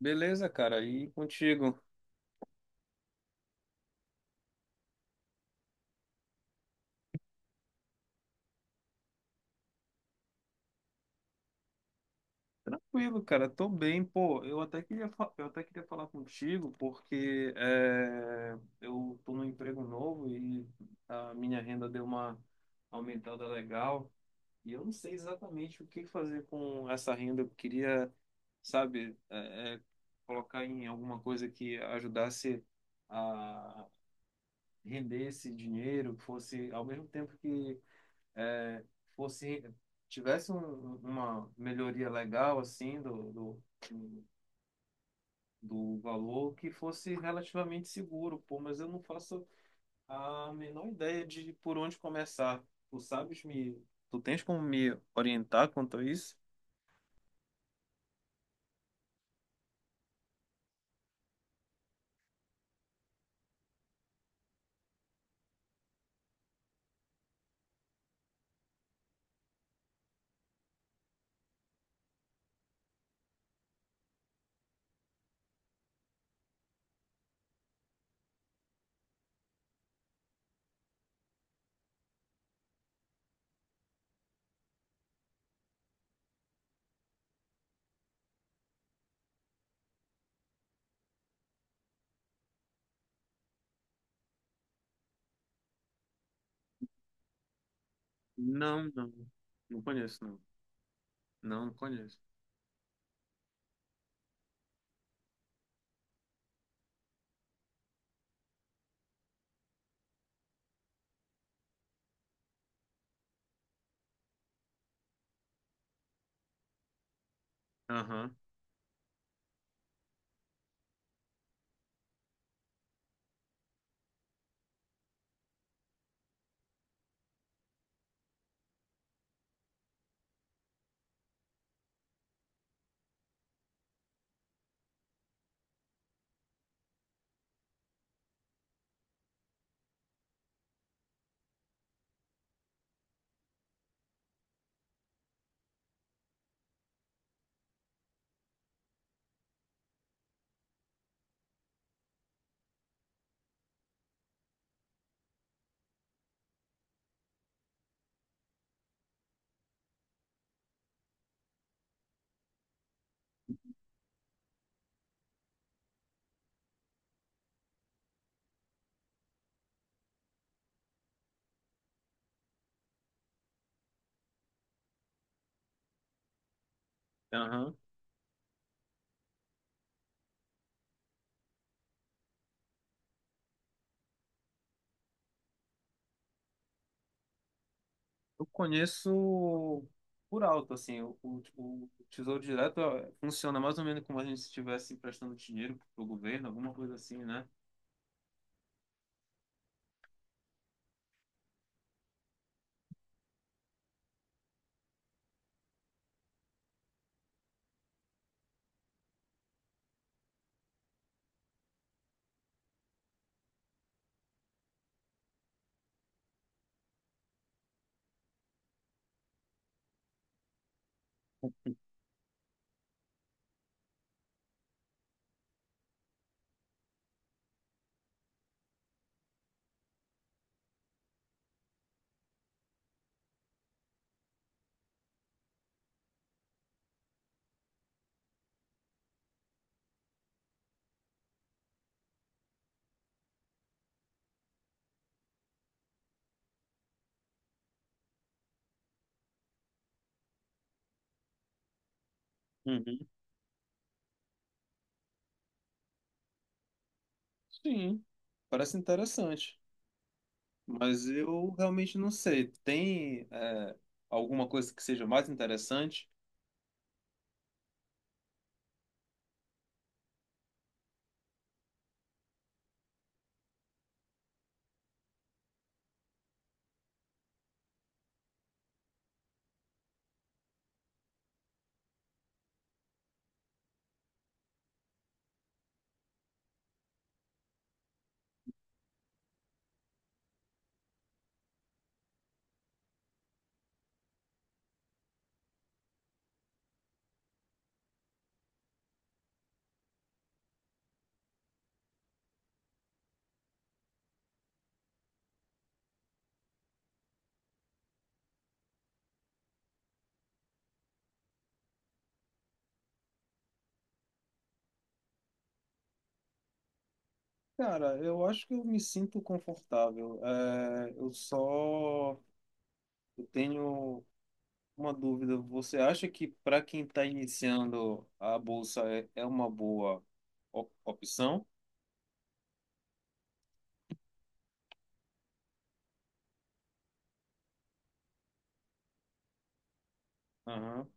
Beleza, cara, e contigo? Tranquilo, cara, tô bem, pô. Eu até queria falar contigo porque eu tô num emprego novo e a minha renda deu uma aumentada legal e eu não sei exatamente o que fazer com essa renda. Eu queria, sabe, colocar em alguma coisa que ajudasse a render esse dinheiro, que fosse ao mesmo tempo que é, fosse tivesse uma melhoria legal assim do do valor que fosse relativamente seguro, pô, mas eu não faço a menor ideia de por onde começar. Tu sabes me, Tu tens como me orientar quanto a isso? Não, não. Não conheço, não. Não, não conheço. Aham, aham. Eu conheço por alto, assim, o Tesouro Direto ó, funciona mais ou menos como a gente estivesse emprestando dinheiro para o governo, alguma coisa assim, né? Uhum. Sim, parece interessante, mas eu realmente não sei. Tem, é, alguma coisa que seja mais interessante? Cara, eu acho que eu me sinto confortável. É, eu tenho uma dúvida. Você acha que para quem está iniciando a bolsa é uma boa opção? Aham.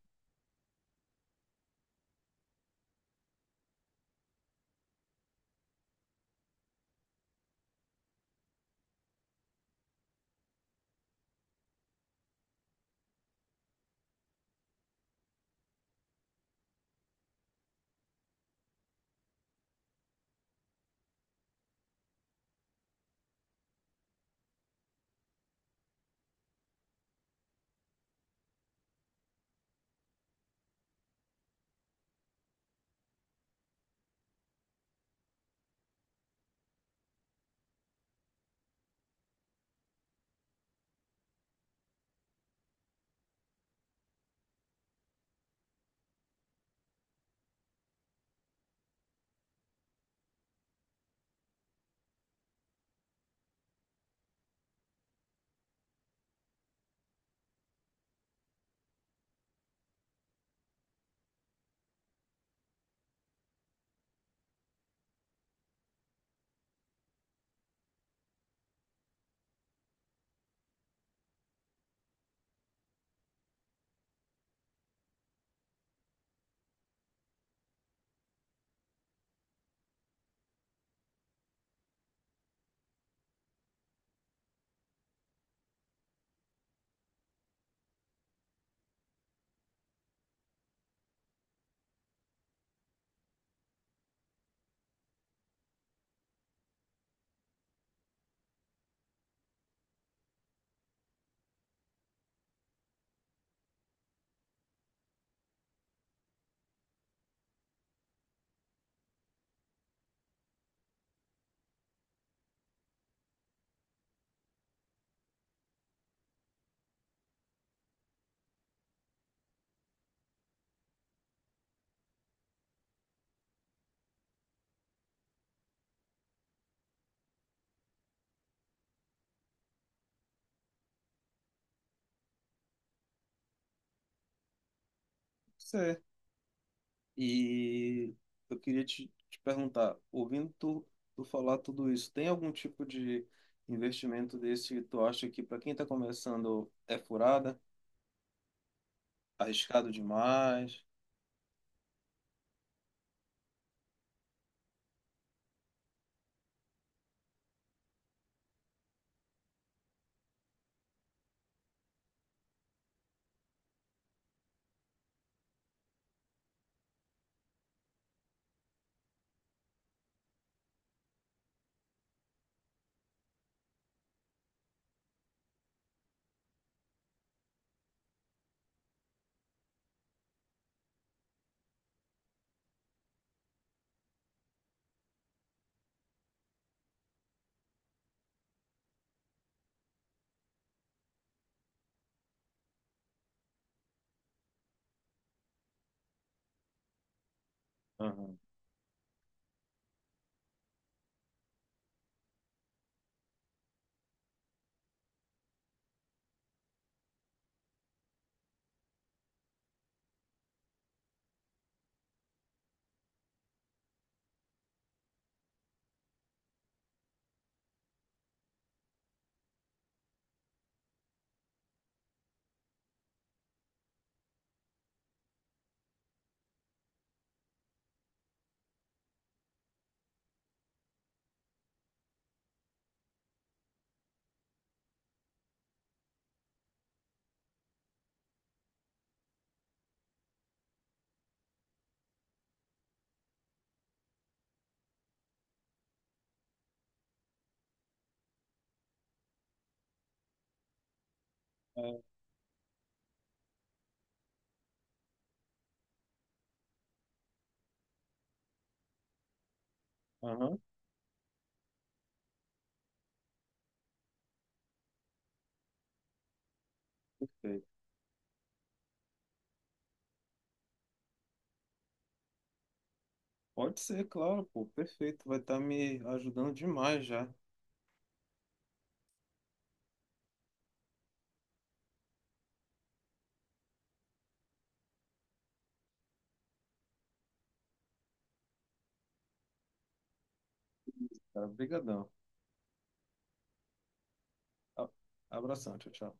Certo. E eu queria te perguntar, ouvindo tu falar tudo isso, tem algum tipo de investimento desse que tu acha que para quem está começando é furada, arriscado demais? Aham. É, aham, perfeito. Pode ser, claro, pô, perfeito. Vai estar me ajudando demais já. Cara, brigadão. A- Abração, tchau, tchau.